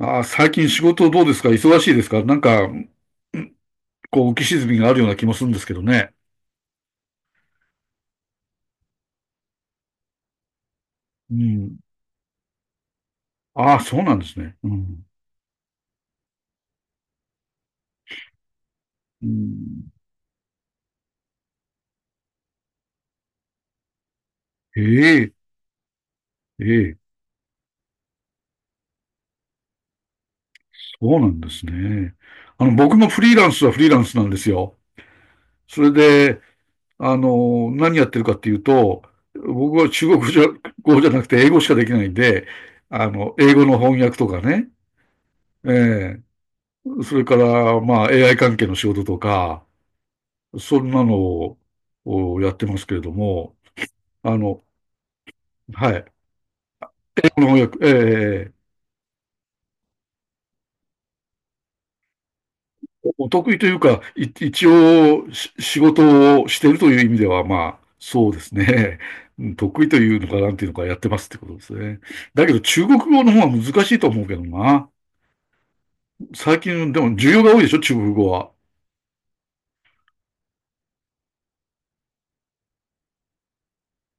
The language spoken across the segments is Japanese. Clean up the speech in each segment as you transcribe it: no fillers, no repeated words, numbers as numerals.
ああ、最近仕事どうですか？忙しいですか？なんか、こう、浮き沈みがあるような気もするんですけどね。うん。ああ、そうなんですね。うん。うん、ええ、ええ、そうなんですね。あの、僕もフリーランスはフリーランスなんですよ。それで、あの、何やってるかっていうと、僕は中国語じゃ、語じゃなくて英語しかできないんで、あの、英語の翻訳とかね、ええ、それから、まあ、AI 関係の仕事とか、そんなのをやってますけれども、あの、はい。この翻訳、ええ、お得意というか、一応仕事をしているという意味では、まあ、そうですね。うん、得意というのか、なんていうのか、やってますってことですね。だけど、中国語の方は難しいと思うけどな。最近、でも、需要が多いでしょ、中国語は。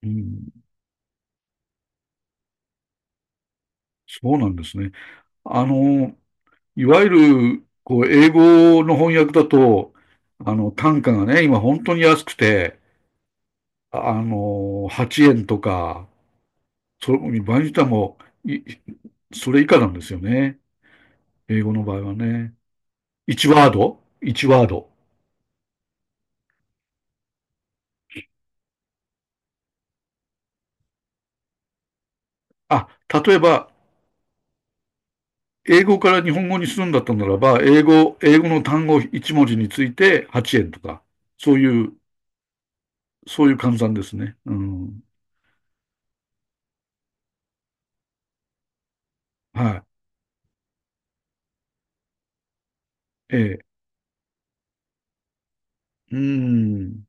うん、そうなんですね。あの、いわゆる、こう、英語の翻訳だと、あの、単価がね、今本当に安くて、あの、8円とか、場合によってはもう、それ以下なんですよね。英語の場合はね。1ワード ?1 ワード。あ、例えば、英語から日本語にするんだったならば、英語の単語1文字について8円とか、そういう、そういう換算ですね。うん。はい。ええ。うん。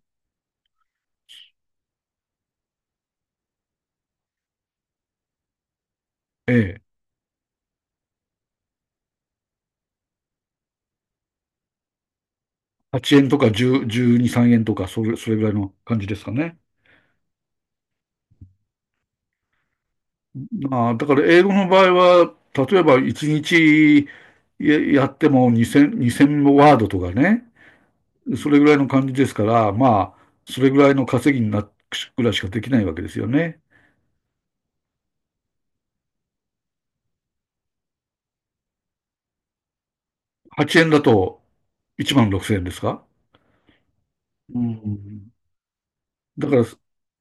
ええ。8円とか10、12、3円とか、それぐらいの感じですかね。まあ、だから英語の場合は、例えば1日やっても2000、にせんワードとかね、それぐらいの感じですから、まあ、それぐらいの稼ぎになっぐらいしかできないわけですよね。8円だと1万6000円ですか？うん。だから、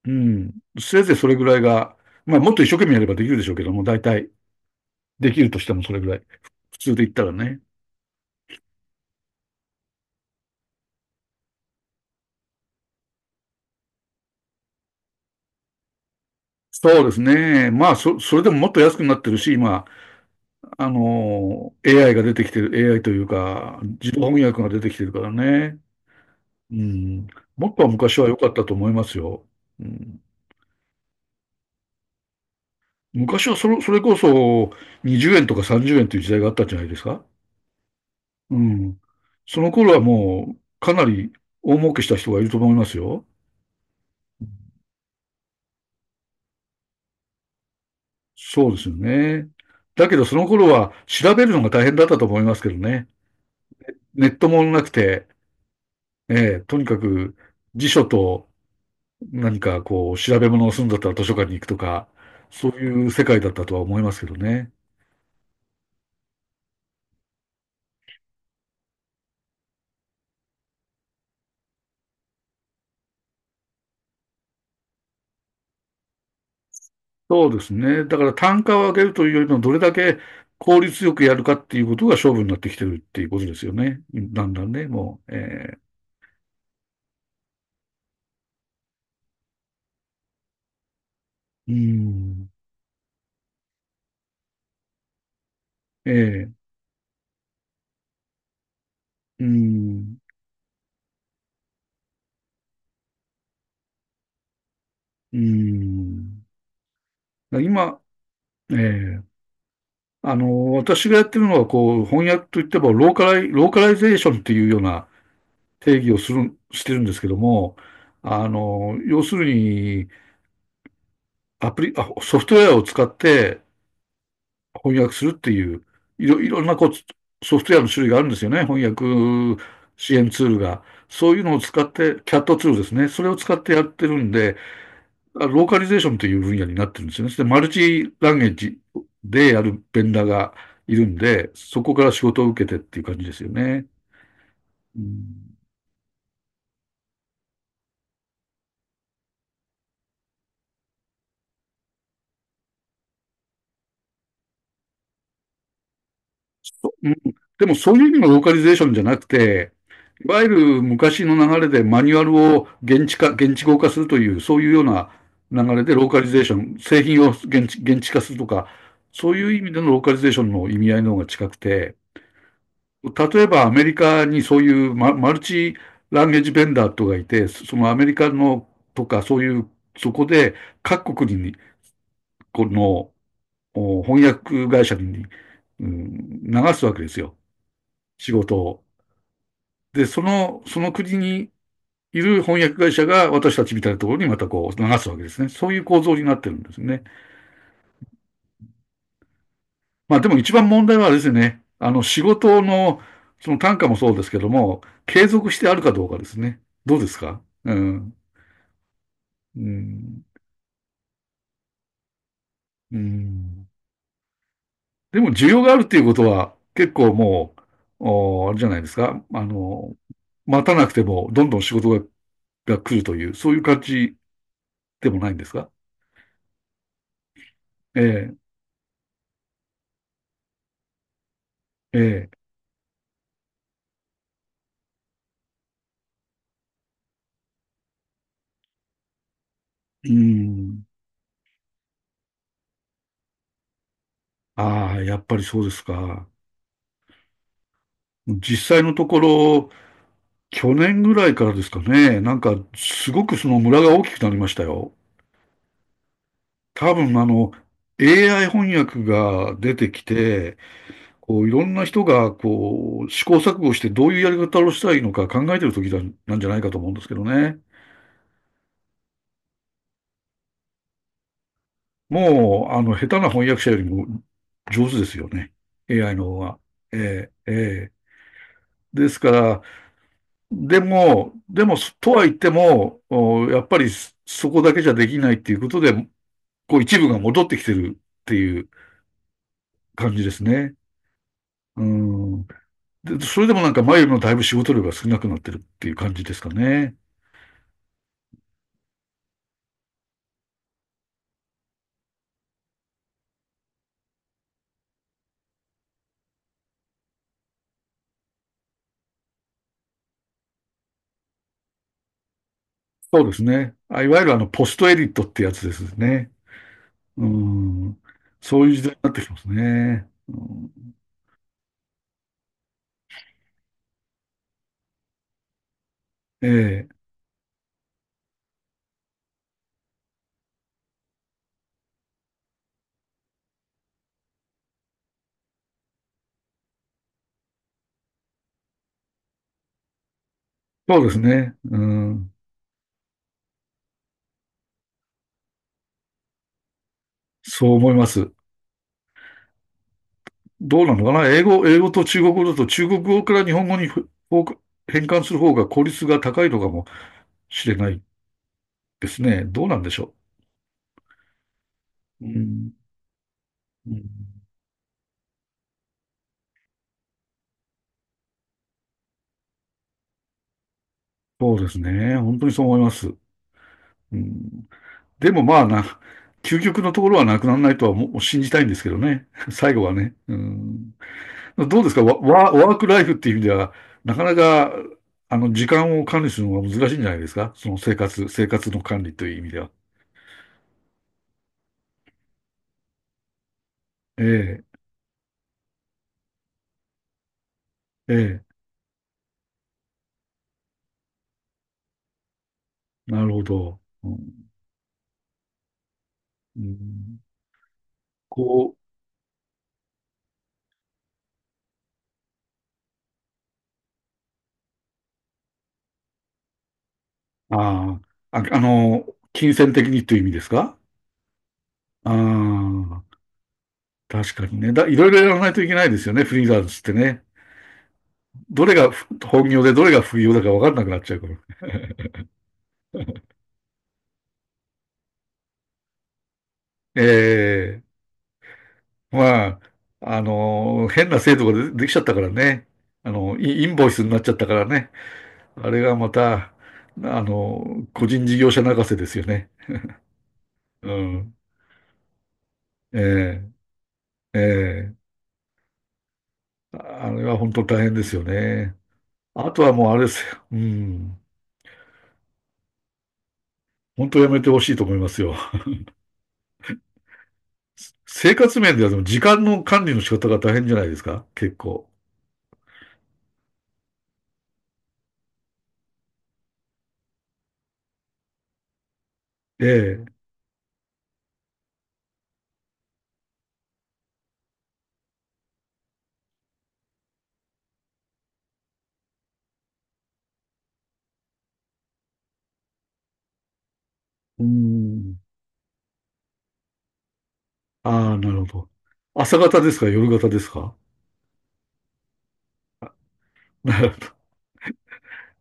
うん、せいぜいそれぐらいが、まあ、もっと一生懸命やればできるでしょうけども、大体できるとしてもそれぐらい。普通で言ったらね。そうですね。まあ、それでももっと安くなってるし、今、あの、AI が出てきてる、AI というか、自動翻訳が出てきてるからね。うん。もっとは昔は良かったと思いますよ。うん。昔はそれこそ20円とか30円という時代があったんじゃないですか。うん。その頃はもうかなり大儲けした人がいると思いますよ。そうですよね。だけどその頃は調べるのが大変だったと思いますけどね。ネットもなくて、ええ、とにかく辞書と何かこう、調べ物をするんだったら図書館に行くとか、そういう世界だったとは思いますけどね。そうですね。だから単価を上げるというよりも、どれだけ効率よくやるかっていうことが勝負になってきてるっていうことですよね。だんだんね、もう。うーん、えー、うーん、うーん。だから今、えー、あの、私がやってるのは、こう、翻訳といっても、ローカライゼーションっていうような定義をする、してるんですけども、あの、要するに、アプリ、あ、ソフトウェアを使って翻訳するっていう、いろんなこう、ソフトウェアの種類があるんですよね。翻訳支援ツールが。そういうのを使って、キャットツールですね。それを使ってやってるんで、ローカリゼーションという分野になってるんですよね。で、マルチランゲージでやるベンダーがいるんで、そこから仕事を受けてっていう感じですよね。うん、うん。でもそういう意味のローカリゼーションじゃなくて、いわゆる昔の流れでマニュアルを現地化、現地語化するという、そういうような流れでローカリゼーション、製品を現地化するとか、そういう意味でのローカリゼーションの意味合いの方が近くて、例えばアメリカにそういうマルチランゲージベンダーとかいて、そのアメリカのとかそういう、そこで各国に、このお翻訳会社に、うん、流すわけですよ、仕事を。で、その国にいる翻訳会社が私たちみたいなところにまたこう流すわけですね。そういう構造になってるんですね。まあでも一番問題はですね、あの仕事のその単価もそうですけども、継続してあるかどうかですね。どうですか？うん。うん。うん。でも需要があるっていうことは結構もう、あれじゃないですか。あの、待たなくてもどんどん仕事が来るという、そういう感じでもないんですか？ええ、ええ、うん。ああ、やっぱりそうですか。実際のところ、去年ぐらいからですかね、なんか、すごくその村が大きくなりましたよ。多分、あの、AI 翻訳が出てきて、こう、いろんな人が、こう、試行錯誤してどういうやり方をしたらいいのか考えてる時だなんじゃないかと思うんですけどね。もう、あの、下手な翻訳者よりも上手ですよね。AI の方が。ええ、ええ。ですから、でも、とは言っても、やっぱりそこだけじゃできないっていうことで、こう一部が戻ってきてるっていう感じですね。うん。で、それでもなんか前よりもだいぶ仕事量が少なくなってるっていう感じですかね。そうですね。あ、いわゆるあの、ポストエディットってやつですね。うん。そういう時代になってきますね。うん、ええ。そうですね。うん。そう思います。どうなのかな、英語と中国語だと中国語から日本語に変換する方が効率が高いのかもしれないですね。どうなんでしょう。うん、うん、そうですね。本当にそう思います。うん、でもまあな、究極のところはなくならないとはもう信じたいんですけどね。最後はね。うん、どうですか、ワークライフっていう意味では、なかなか、あの、時間を管理するのが難しいんじゃないですか？その生活の管理という意味では。ええ、ええ、なるほど。うん、こう、ああ、あの、金銭的にという意味ですか？ああ、確かにね。いろいろやらないといけないですよね、フリーランスってね。どれが本業でどれが副業だか分かんなくなっちゃうから。ええ、まあ、あの、変な制度ができちゃったからね。あの、インボイスになっちゃったからね。あれがまた、あの、個人事業者泣かせですよね。うん。ええ、ええ、あれは本当大変ですよね。あとはもうあれですよ。うん。本当やめてほしいと思いますよ。生活面ではでも時間の管理の仕方が大変じゃないですか？結構。ええ。うん。ああ、なるほど。朝方ですか？夜型ですか？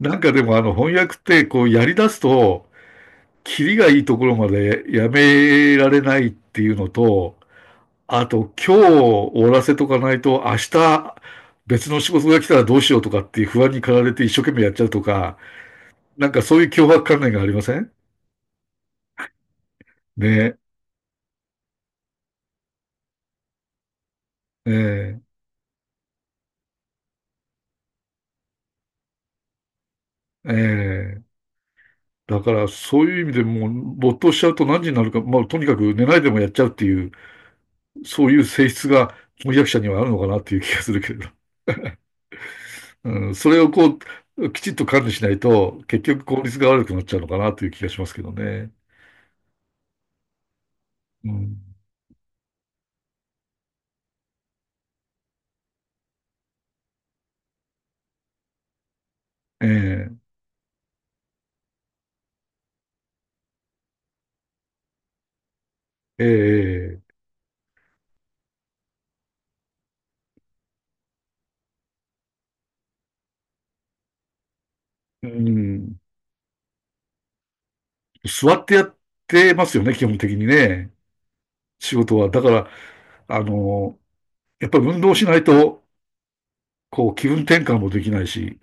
なんかでもあの翻訳ってこうやり出すと、キリがいいところまでやめられないっていうのと、あと今日終わらせとかないと明日別の仕事が来たらどうしようとかっていう不安に駆られて一生懸命やっちゃうとか、なんかそういう脅迫観念がありませんねえ？えええーだからそういう意味でもう没頭しちゃうと何時になるか、まあとにかく寝ないでもやっちゃうっていう、そういう性質が翻訳者にはあるのかなっていう気がするけれど。うん、それをこう、きちっと管理しないと、結局効率が悪くなっちゃうのかなという気がしますけどね。うん、ええええうん、座ってやってますよね、基本的にね。仕事は。だから、あの、やっぱり運動しないと、こう、気分転換もできないし、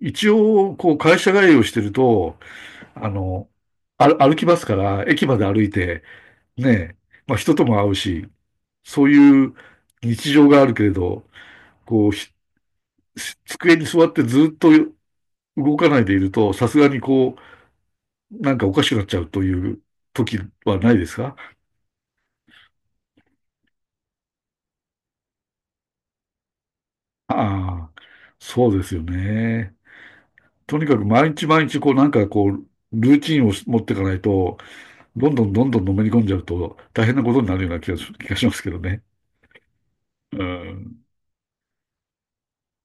一応、こう、会社帰りをしてると、あの、歩きますから、駅まで歩いて、ね、まあ人とも会うし、そういう日常があるけれど、こう、机に座ってずっと動かないでいると、さすがにこう、なんかおかしくなっちゃうという時はないですか？ああ、そうですよね。とにかく毎日毎日こうなんかこう、ルーチンを持っていかないと、どんどんどんどんのめり込んじゃうと大変なことになるような気がしますけどね。うん。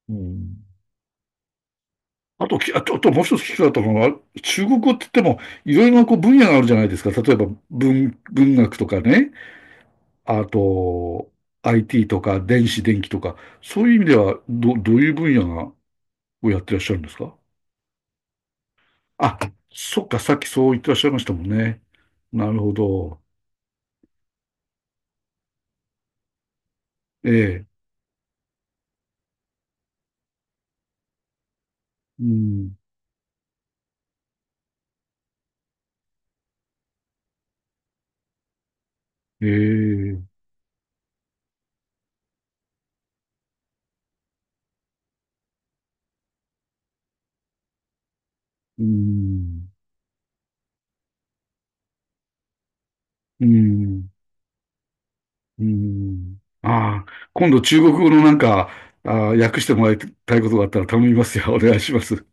うん。あと、きあと、あともう一つ聞きたかったのは、中国語って言っても、いろいろなこう分野があるじゃないですか。例えば文学とかね、あと、IT とか、電子、電気とか、そういう意味では、どういう分野が、をやってらっしゃるんですか？あ、そっか、さっきそう言ってらっしゃいましたもんね。なるほど。ええ。うん。ええ。うん。うん。うん。ああ、今度中国語のなんか、ああ、訳してもらいたいことがあったら頼みますよ。お願いします。